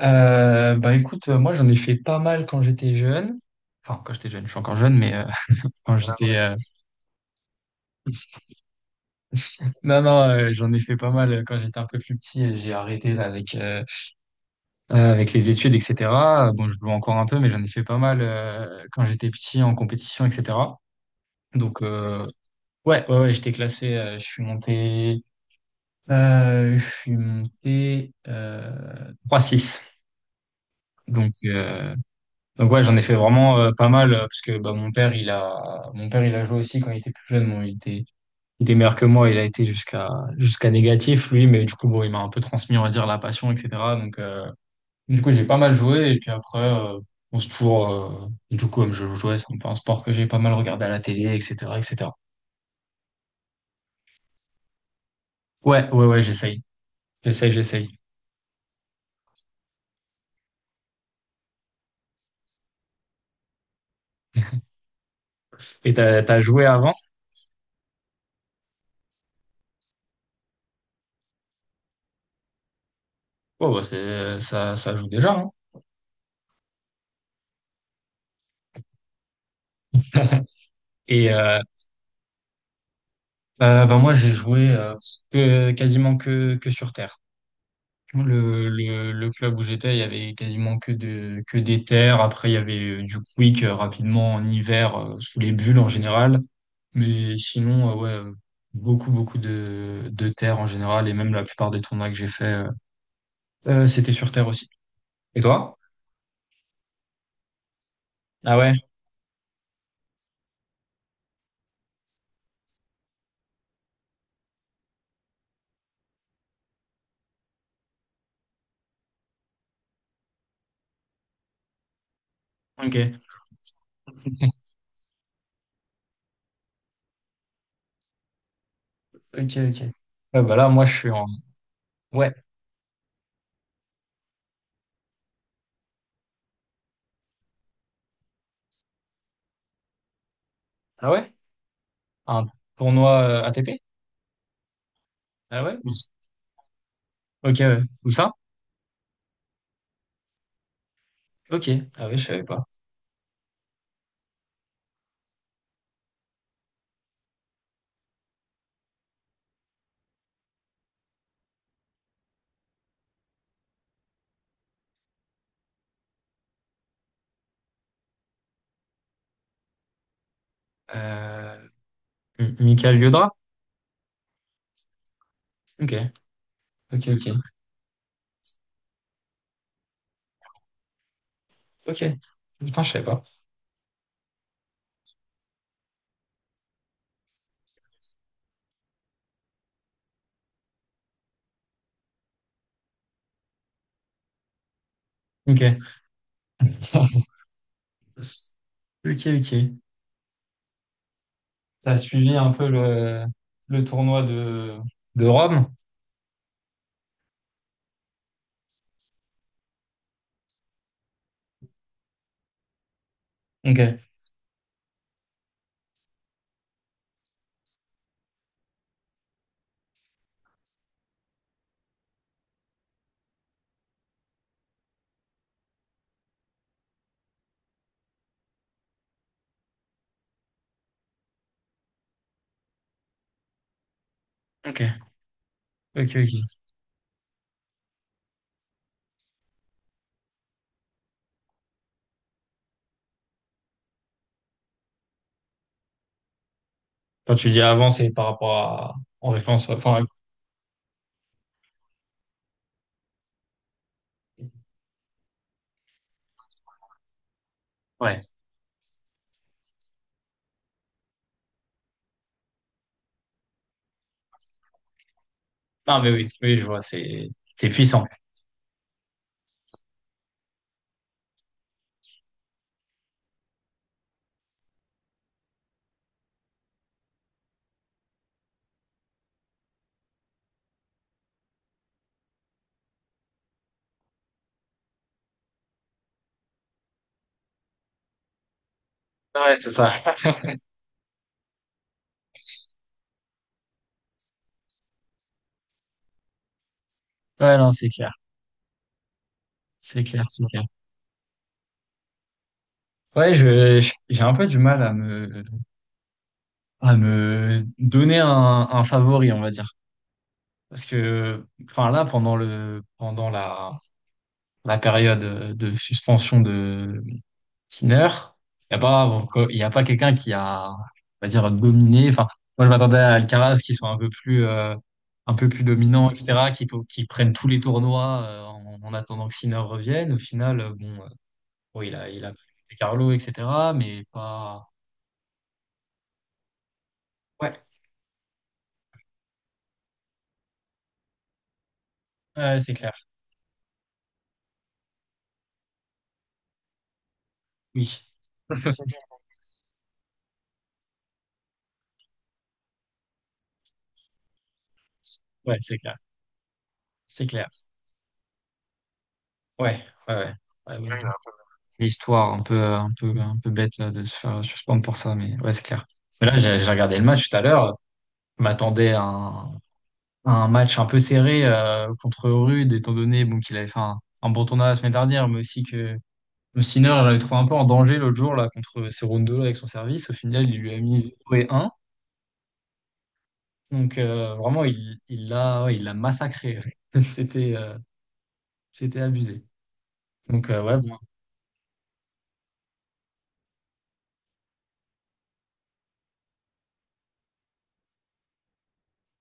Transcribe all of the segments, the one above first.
Bah écoute, moi j'en ai fait pas mal quand j'étais jeune. Enfin, quand j'étais jeune, je suis encore jeune, mais quand j'étais... Non, non, j'en ai fait pas mal quand j'étais un peu plus petit, et j'ai arrêté là, avec, avec les études, etc. Bon, je joue encore un peu, mais j'en ai fait pas mal quand j'étais petit en compétition, etc. Donc, ouais, ouais, ouais, j'étais classé, je suis monté 3-6. Donc, euh, Donc ouais, j'en ai fait vraiment pas mal parce que bah, mon père, il a joué aussi quand il était plus jeune. Bon, il était meilleur que moi, il a été jusqu'à négatif lui, mais du coup bon, il m'a un peu transmis, on va dire, la passion, etc. Donc, du coup, j'ai pas mal joué et puis après, on se toujours, du coup comme je jouais, c'est un peu un sport que j'ai pas mal regardé à la télé, etc., etc. Ouais, ouais, ouais, j'essaye, j'essaye, j'essaye. Et t'as joué avant? Oh bah, c'est ça, ça joue déjà, hein. Et, moi j'ai joué, quasiment que sur terre. Le club où j'étais, il y avait quasiment que des terres. Après, il y avait, du quick, rapidement en hiver, sous les bulles en général. Mais sinon, ouais, beaucoup, beaucoup de terre en général. Et même la plupart des tournois que j'ai fait, c'était sur terre aussi. Et toi? Ah ouais? Ok. Ok, ok. Ouais, bah là, moi, je suis en. Ouais. Ah ouais? Un tournoi ATP? Ah ouais? Ok, ouais. Où ça? Ok. Ah ouais, je savais pas. Euh... Michael Liodra? Ok. Ok, ok. Ok. Putain, je savais pas. Ok. Ok, ok. T'as suivi un peu le tournoi de Rome? Ok. Ok. Ok, ok. Quand tu dis avant, c'est par rapport à, en référence, enfin, ouais. Non, mais oui, oui, je vois, c'est puissant. Ouais, c'est ça. Ouais, non, c'est clair. C'est clair, c'est clair. Ouais, j'ai un peu du mal à me donner un favori, on va dire. Parce que, enfin, là, pendant la période de suspension de Sinner, il n'y a pas, bon, il y a pas quelqu'un qui a, on va dire, dominé. Enfin, moi, je m'attendais à Alcaraz qui soit un peu plus dominant, etc., qui prenne tous les tournois, en attendant que Sinner revienne. Au final, bon, il a pris Carlo, etc., mais pas. Ouais, ouais, c'est clair. Oui. Ouais, c'est clair. C'est clair. Ouais, ouais, ouais. Ouais, oui, l'histoire un peu, un peu, un peu bête de se faire suspendre pour ça, mais ouais, c'est clair. Mais là, j'ai regardé le match tout à l'heure. Je m'attendais à un match un peu serré, contre Rude, étant donné, bon, qu'il avait fait un bon tournoi la semaine dernière, mais aussi que Sinner l'avait trouvé un peu en danger l'autre jour là, contre Cerrundo avec son service. Au final, il lui a mis zéro et un. Donc, vraiment, il l'a massacré. C'était euh, c'était abusé. Donc, ouais, bon,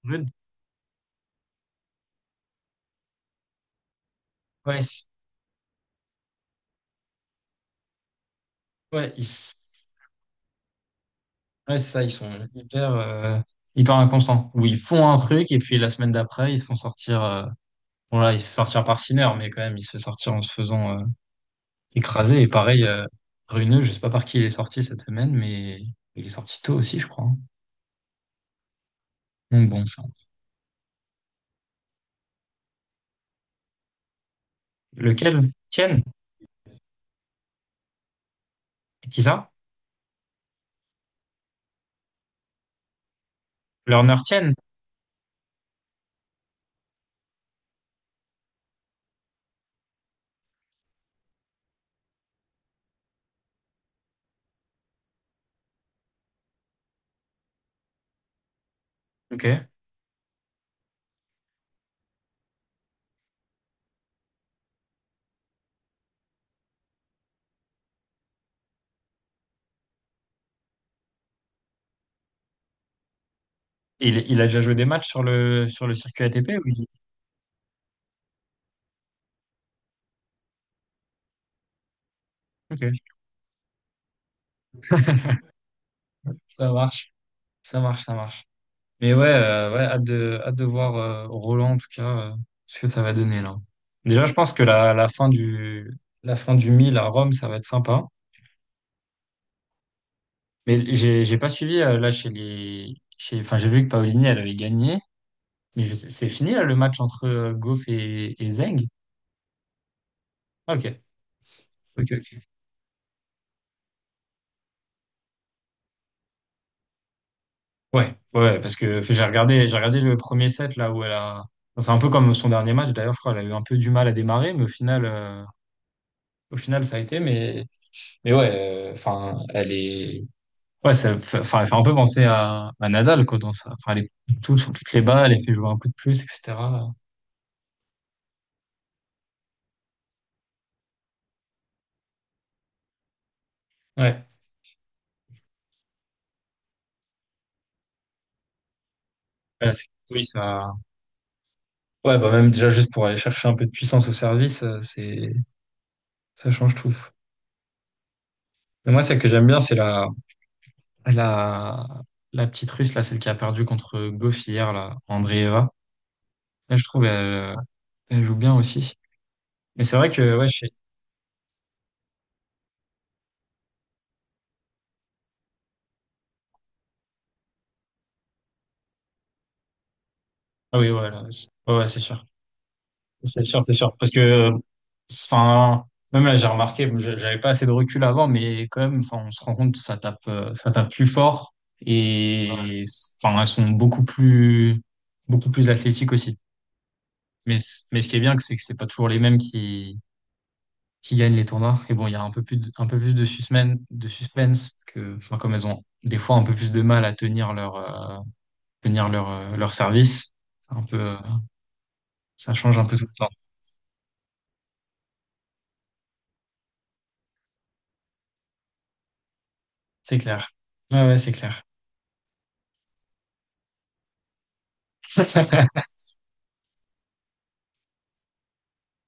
Rude, ouais, ouais, il, Ouais, c'est ça, ils sont hyper inconstants. Où ils font un truc et puis la semaine d'après, ils font sortir. Bon, là, ils se font sortir par Sinner, mais quand même, il se fait sortir en se faisant, écraser. Et pareil, Runeux, je sais pas par qui il est sorti cette semaine, mais il est sorti tôt aussi, je crois, hein. Donc bon, ça. Lequel? Tienne? Qui ça? Lerner Tienne? Ok. Il a déjà joué des matchs sur le circuit ATP? Oui. Ok. Ça marche. Ça marche, ça marche. Mais ouais, ouais, hâte de voir, Roland, en tout cas, ce que ça va donner là. Déjà, je pense que la fin du 1000 à Rome, ça va être sympa. Mais j'ai pas suivi, là chez les chez enfin, j'ai vu que Paolini elle avait gagné, mais c'est fini là le match entre, Goff et Zeng? Ah, ok. Ok, ok. Ouais, ouais, parce que fait, j'ai regardé le premier set là où elle a. Bon, c'est un peu comme son dernier match d'ailleurs, je crois. Elle a eu un peu du mal à démarrer, mais au final, ça a été. Mais ouais, enfin, elle est. Ouais, ça fait, enfin, elle fait un peu penser à Nadal, quoi, dans ça. Enfin, elle est tout sur toutes les balles, elle fait jouer un coup de plus, etc. Ouais. Ouais, oui, ça. Ouais, bah même déjà juste pour aller chercher un peu de puissance au service, c'est ça change tout. Mais moi, celle que j'aime bien, c'est la la petite Russe, là, celle qui a perdu contre Goff hier, là, Andreeva. Là, je trouve elle joue bien aussi. Mais c'est vrai que ouais, ah oui, ouais, là, ouais, ouais, c'est sûr. C'est sûr, c'est sûr. Parce que, enfin, même là, j'ai remarqué, bon, j'avais pas assez de recul avant, mais quand même, enfin, on se rend compte que ça tape plus fort. Ouais. Et, enfin, elles sont beaucoup plus athlétiques aussi. Mais ce qui est bien, c'est que c'est pas toujours les mêmes qui gagnent les tournois. Et bon, il y a un peu plus de suspense, parce que, enfin, comme elles ont des fois un peu plus de mal à leur service, c'est un peu, ça change un peu tout le temps. C'est clair. Ouais, ouais, c'est clair.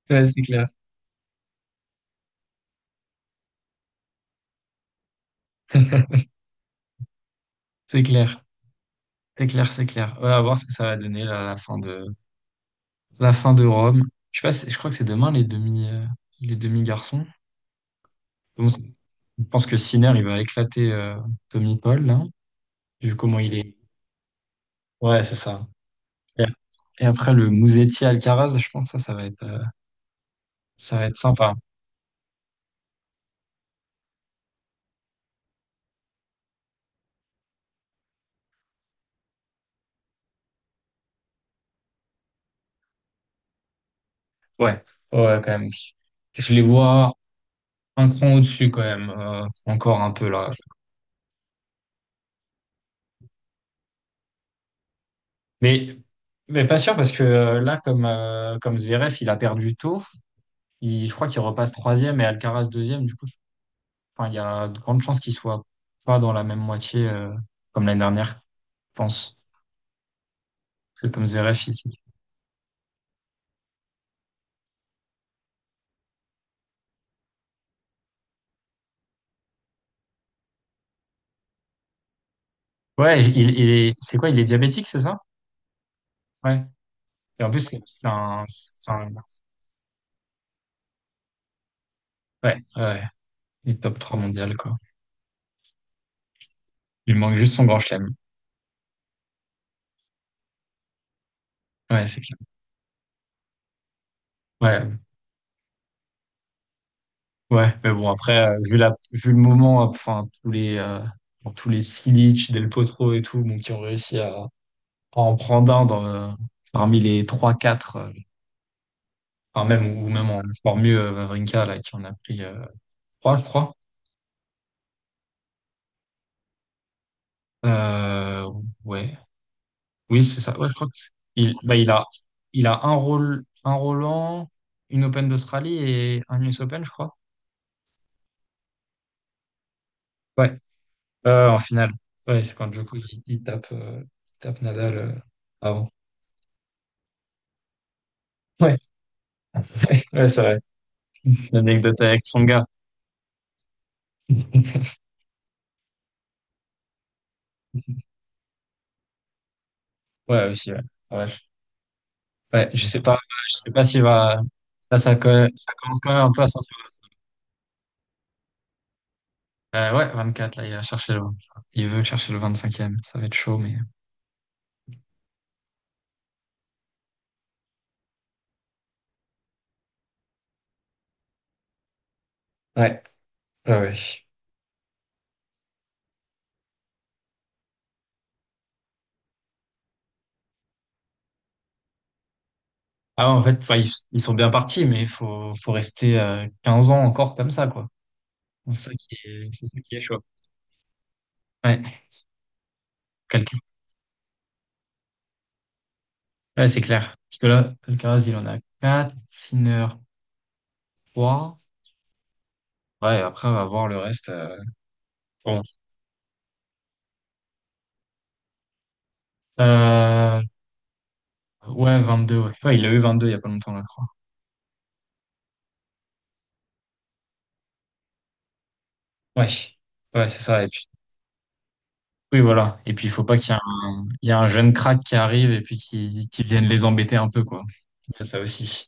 Ouais, c'est clair. C'est clair. C'est clair, c'est clair. Ouais, à voir ce que ça va donner là, la fin de Rome. Je sais pas, je crois que c'est demain les demi-garçons. Bon, je pense que Sinner il va éclater, Tommy Paul là, vu comment il est. Ouais, c'est ça. Et, et après le Musetti Alcaraz, je pense que ça va être sympa. Ouais. Ouais, quand même. Je les vois un cran au-dessus quand même, encore un peu là. Mais mais pas sûr parce que, là comme, comme Zverev, il a perdu tôt. Je crois qu'il repasse troisième et Alcaraz deuxième. Du coup, enfin, il y a de grandes chances qu'il soit pas dans la même moitié, comme l'année dernière, je pense. C'est comme Zverev ici. Ouais, il est, c'est quoi? Il est diabétique, c'est ça? Ouais. Et en plus, ouais, ouais, il est top 3 mondial, quoi. Il manque juste son grand chelem. Ouais, c'est clair. Ouais, ouais. Mais bon, après, vu le moment, enfin, tous les Silic, Del Potro et tout, bon, qui ont réussi à en prendre un dans, parmi les trois quatre, enfin, même, ou même en encore mieux, Wawrinka, là, qui en a pris, trois, je crois. Euh, ouais. Oui, c'est ça. Ouais, je crois que, il, bah, il a, il a un rôle, un Roland, une Open d'Australie et un US Open, je crois. Ouais. En finale. Ouais, c'est quand Djokovic, il tape Nadal, avant. Ouais, ouais, c'est vrai. L'anecdote avec son gars. Ouais, aussi, ouais. Ouais, ouais, je sais pas, je sais pas s'il va, là, ça, ça commence quand même un peu à sortir. Ouais, 24, là, il va chercher le... Il veut chercher le 25e. Ça va être chaud, mais... Ouais, ouais, ouais. Ah ouais, en fait, enfin, ils sont bien partis, mais faut rester, 15 ans encore comme ça, quoi. C'est ça qui est chaud. Ouais, quelqu'un. Ouais, c'est clair. Parce que là, Alcaraz, il en a 4, Sinner trois. Ouais, et après, on va voir le reste, bon. Euh, ouais, 22, ouais. Ouais, il a eu 22 il y a pas longtemps, là, je crois. Ouais, ouais, c'est ça. Oui, voilà. Et puis, il faut pas qu'il y ait un, il y a un jeune crack qui arrive et puis qui vienne les embêter un peu, quoi. Il y a ça aussi.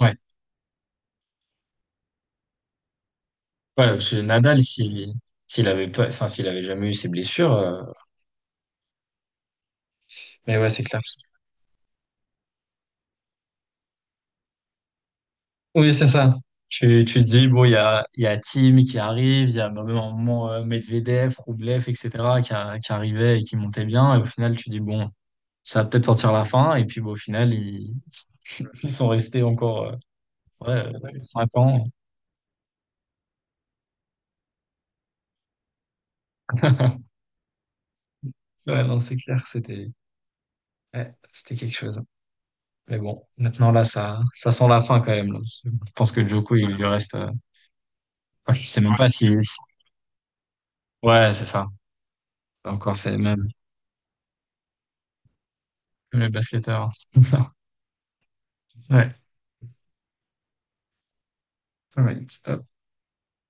Ouais. Ouais, parce que Nadal, si, s'il avait pas, enfin, s'il avait jamais eu ses blessures, mais ouais, c'est clair. Oui, c'est ça. Tu te dis, bon, il y a Tim qui arrive, il y a même un moment, Medvedev, Rublev, etc., qui arrivait et qui montait bien. Et au final, tu dis, bon, ça va peut-être sortir la fin. Et puis, bon, au final, ils sont restés encore, ouais, 5 ans. Ouais, non, c'est clair, c'était. Ouais, c'était quelque chose, hein. Mais bon, maintenant là, ça sent la fin quand même, là. Je pense que Djoko, il lui reste, enfin, je sais même pas si... Ouais, c'est ça. Encore, c'est même, même les basketteurs. Ouais. All right.